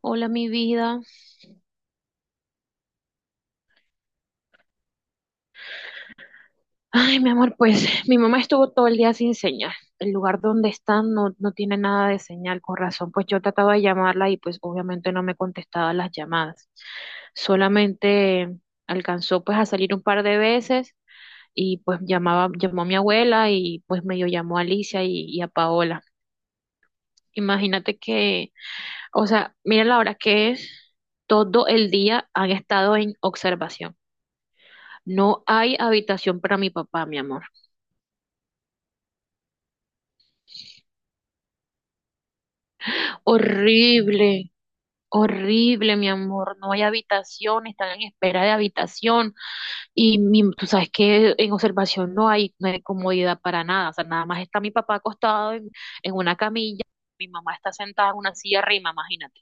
Hola, mi vida. Ay, mi amor, pues mi mamá estuvo todo el día sin señal. El lugar donde están no tiene nada de señal, con razón. Pues yo trataba de llamarla y pues obviamente no me contestaba las llamadas. Solamente alcanzó pues a salir un par de veces y pues llamó a mi abuela y pues medio llamó a Alicia y a Paola. Imagínate que, o sea, mira la hora que es, todo el día han estado en observación. No hay habitación para mi papá, mi amor. Horrible, horrible, mi amor. No hay habitación, están en espera de habitación. Y mi- tú sabes que en observación no hay comodidad para nada. O sea, nada más está mi papá acostado en una camilla, mi mamá está sentada en una silla arriba, imagínate.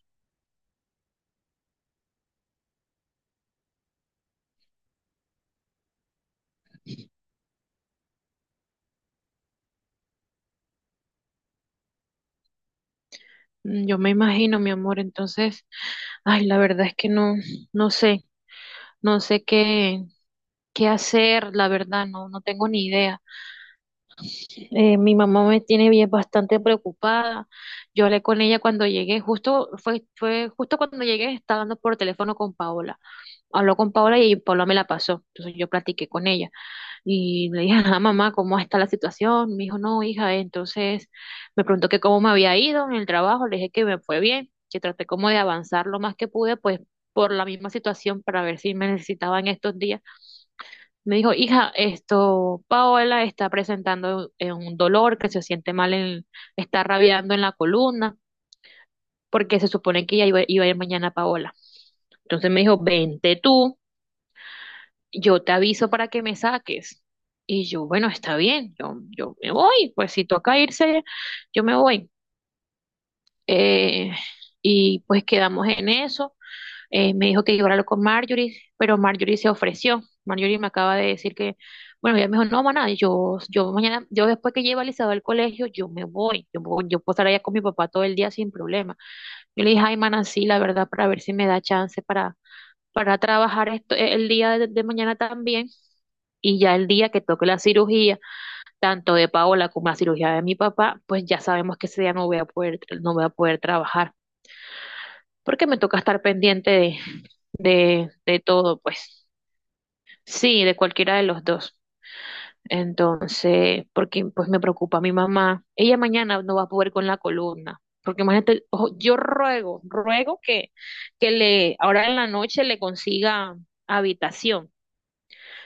Mm, yo me imagino, mi amor. Entonces, ay, la verdad es que no sé, no sé qué, qué hacer, la verdad, no tengo ni idea. Mi mamá me tiene bien bastante preocupada. Yo hablé con ella cuando llegué, fue justo cuando llegué, estaba hablando por teléfono con Paola. Habló con Paola y Paola me la pasó. Entonces yo platiqué con ella y le dije, ah, mamá, ¿cómo está la situación? Me dijo, no, hija. Entonces me preguntó que cómo me había ido en el trabajo. Le dije que me fue bien, que traté como de avanzar lo más que pude, pues por la misma situación para ver si me necesitaban estos días me dijo, hija, esto, Paola está presentando un dolor que se siente mal, en, está rabiando en la columna, porque se supone que ya iba a ir mañana Paola. Entonces me dijo, vente tú, yo te aviso para que me saques. Y yo, bueno, está bien, yo me voy, pues si toca irse, yo me voy. Eh, y pues quedamos en eso. Me dijo que iba a hablarlo con Marjorie, pero Marjorie se ofreció. Marjorie me acaba de decir que, bueno, ella me dijo, no, maná, yo mañana, yo después que lleve a Elizabeth al colegio, yo me voy, me voy, yo puedo estar allá con mi papá todo el día sin problema. Yo le dije, ay, maná, sí, la verdad, para ver si me da chance para trabajar esto, el día de mañana también. Y ya el día que toque la cirugía, tanto de Paola como la cirugía de mi papá, pues ya sabemos que ese día no voy a poder, no voy a poder trabajar, porque me toca estar pendiente de todo, pues. Sí, de cualquiera de los dos. Entonces, porque pues me preocupa mi mamá. Ella mañana no va a poder con la columna. Porque imagínate, ojo, yo ruego, ruego que le, ahora en la noche le consiga habitación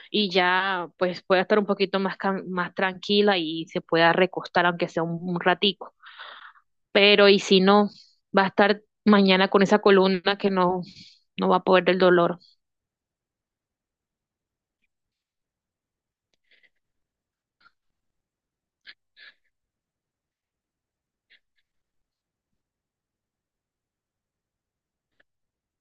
y ya pues pueda estar un poquito más, can- más tranquila y se pueda recostar aunque sea un ratico. Pero y si no, va a estar mañana con esa columna que no, no va a poder del dolor.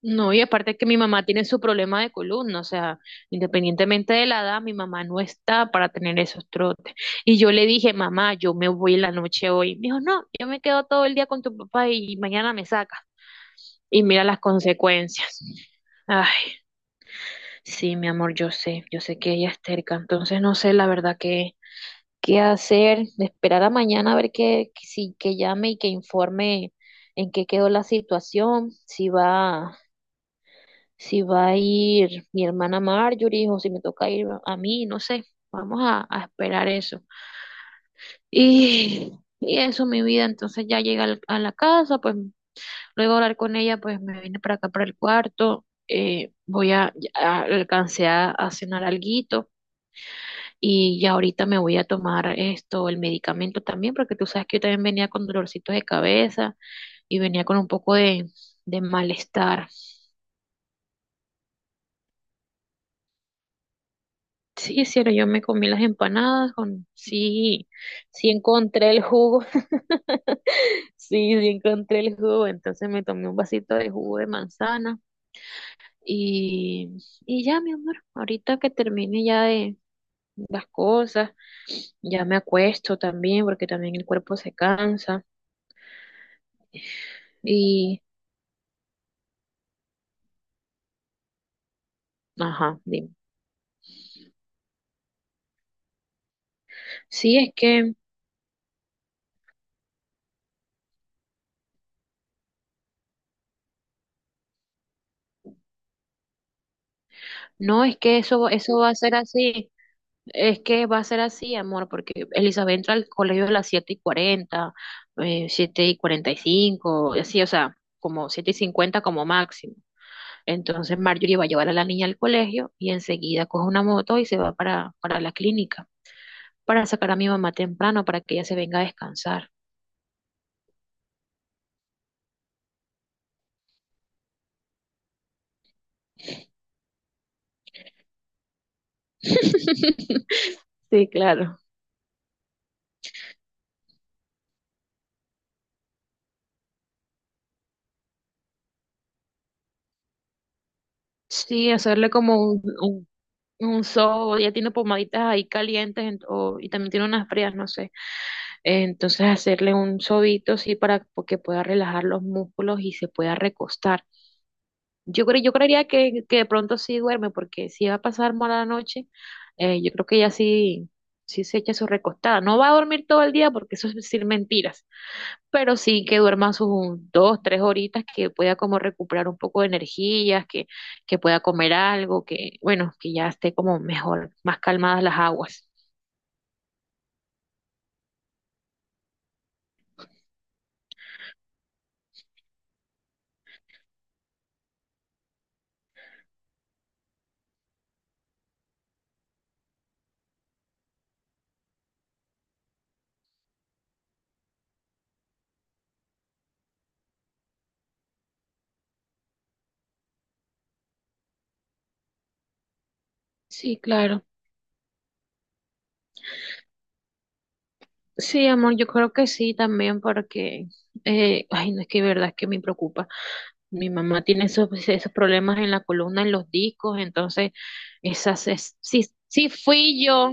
No, y aparte que mi mamá tiene su problema de columna, o sea, independientemente de la edad, mi mamá no está para tener esos trotes. Y yo le dije, mamá, yo me voy en la noche hoy. Me dijo, no, yo me quedo todo el día con tu papá y mañana me sacas. Y mira las consecuencias. Ay, sí, mi amor, yo sé que ella es terca, entonces no sé la verdad qué, qué hacer, de esperar a mañana a ver que, si- que llame y que informe en qué quedó la situación, si va. Si va a ir mi hermana Marjorie o si me toca ir a mí, no sé, vamos a esperar eso. Y, y eso, mi vida, entonces ya llega al- a la casa, pues luego de hablar con ella, pues me vine para acá, para el cuarto, voy a, ya alcancé a cenar alguito y ya ahorita me voy a tomar esto, el medicamento también, porque tú sabes que yo también venía con dolorcitos de cabeza y venía con un poco de malestar. Sí, cielo, yo me comí las empanadas con, sí, sí encontré el jugo, sí, sí encontré el jugo, entonces me tomé un vasito de jugo de manzana y, y ya, mi amor, ahorita que termine ya de las cosas, ya me acuesto también porque también el cuerpo se cansa y, ajá, dime. Sí, no, es que eso va a ser así. Es que va a ser así, amor, porque Elizabeth entra al colegio a las 7 y cuarenta, 7 y 40 y cinco, y así, o sea, como 7 y 50 como máximo. Entonces Marjorie va a llevar a la niña al colegio y enseguida coge una moto y se va para la clínica, para sacar a mi mamá temprano, para que ella se venga a descansar. Sí, claro. Sí, hacerle como un sobo, ella tiene pomaditas ahí calientes en- o- y también tiene unas frías, no sé. Entonces hacerle un sobito sí para que pueda relajar los músculos y se pueda recostar. Yo creo, yo creería que de pronto sí duerme, porque si va a pasar mala noche, yo creo que ella sí, sí se echa su recostada. No va a dormir todo el día porque eso es decir mentiras, pero sí que duerma sus un- dos, tres horitas, que pueda como recuperar un poco de energías, que pueda comer algo, que bueno, que ya esté como mejor, más calmadas las aguas. Sí, claro. Sí, amor, yo creo que sí también porque, ay, no es que de verdad es que me preocupa. Mi mamá tiene esos, esos problemas en la columna, en los discos, entonces, esas, es- sí, sí fui yo.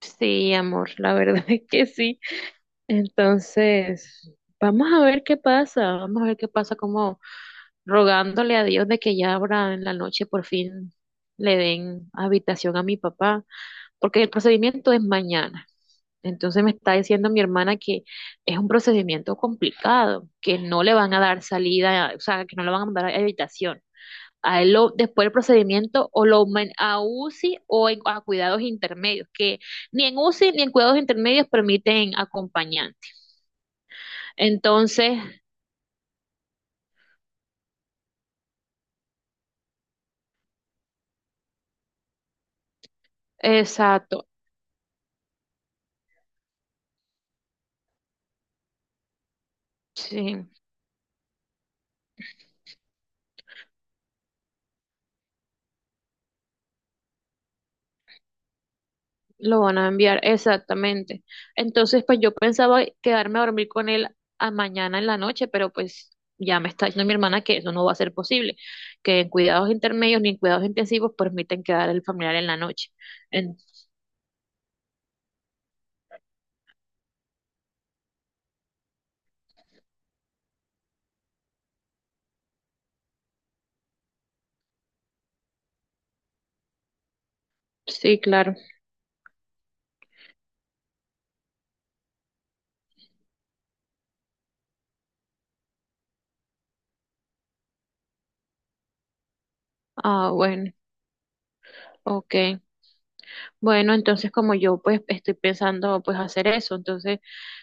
Sí, amor, la verdad es que sí. Entonces, vamos a ver qué pasa, vamos a ver qué pasa, como rogándole a Dios de que ya ahora en la noche por fin le den habitación a mi papá, porque el procedimiento es mañana. Entonces me está diciendo mi hermana que es un procedimiento complicado, que no le van a dar salida, o sea, que no le van a mandar a habitación. A él lo, después del procedimiento o lo man- a UCI o en- a cuidados intermedios, que ni en UCI ni en cuidados intermedios permiten acompañante. Entonces, exacto, sí. Lo van a enviar, exactamente. Entonces, pues yo pensaba quedarme a dormir con él a mañana en la noche, pero pues ya me está diciendo mi hermana que eso no va a ser posible, que en cuidados intermedios ni en cuidados intensivos permiten quedar el familiar en la noche. En- sí, claro. Ah, bueno, ok. Bueno, entonces como yo pues estoy pensando pues hacer eso, entonces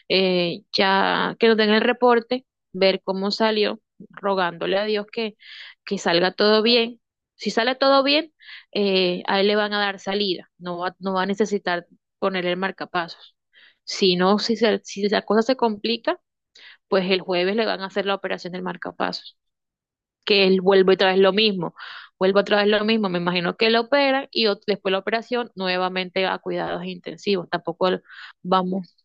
ya que nos den el reporte, ver cómo salió, rogándole a Dios que salga todo bien. Si sale todo bien, a él le van a dar salida, no va, no va a necesitar ponerle el marcapasos. Si no, si, se- si la cosa se complica, pues el jueves le van a hacer la operación del marcapasos que él vuelve otra vez lo mismo, vuelve otra vez lo mismo, me imagino que lo operan y ot- después de la operación nuevamente a cuidados intensivos, tampoco el- vamos,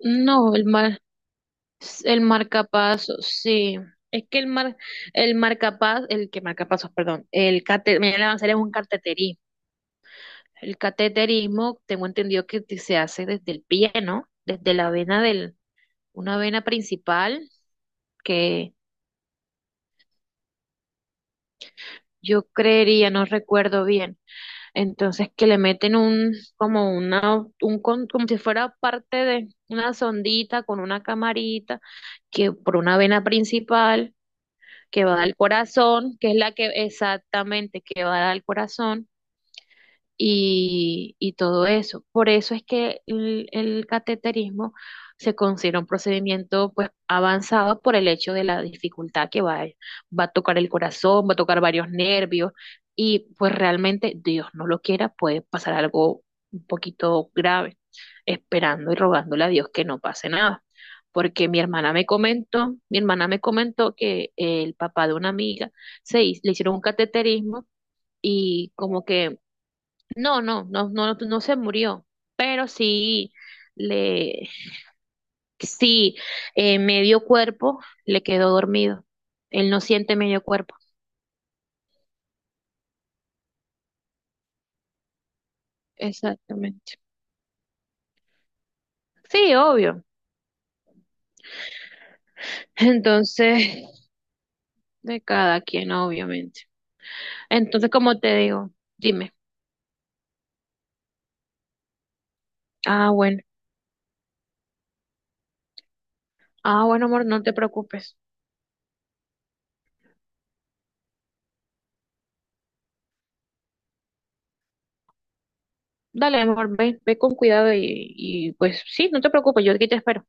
no, el mar, el marcapasos, sí, es que el mar, el marcapaz, el que marcapasos, perdón, el cate, me van a hacer es un cateterismo, el cateterismo tengo entendido que te- se hace desde el pie, ¿no? Desde la vena del, una vena principal que yo creería, no recuerdo bien. Entonces que le meten un, como una, un, con- como si fuera parte de una sondita con una camarita que por una vena principal que va al corazón, que es la que exactamente que va al corazón y todo eso. Por eso es que el cateterismo se considera un procedimiento pues avanzado por el hecho de la dificultad que va, va a tocar el corazón, va a tocar varios nervios y pues realmente Dios no lo quiera, puede pasar algo un poquito grave, esperando y rogándole a Dios que no pase nada. Porque mi hermana me comentó, mi hermana me comentó que el papá de una amiga le hicieron un cateterismo y como que no, no, no, no, no se murió, pero sí, le, sí, medio cuerpo le quedó dormido. Él no siente medio cuerpo. Exactamente. Sí, obvio. Entonces, de cada quien, obviamente. Entonces, como te digo, dime. Ah, bueno. Ah, bueno, amor, no te preocupes. Dale, amor, ve, ve con cuidado y pues sí, no te preocupes, yo aquí te espero.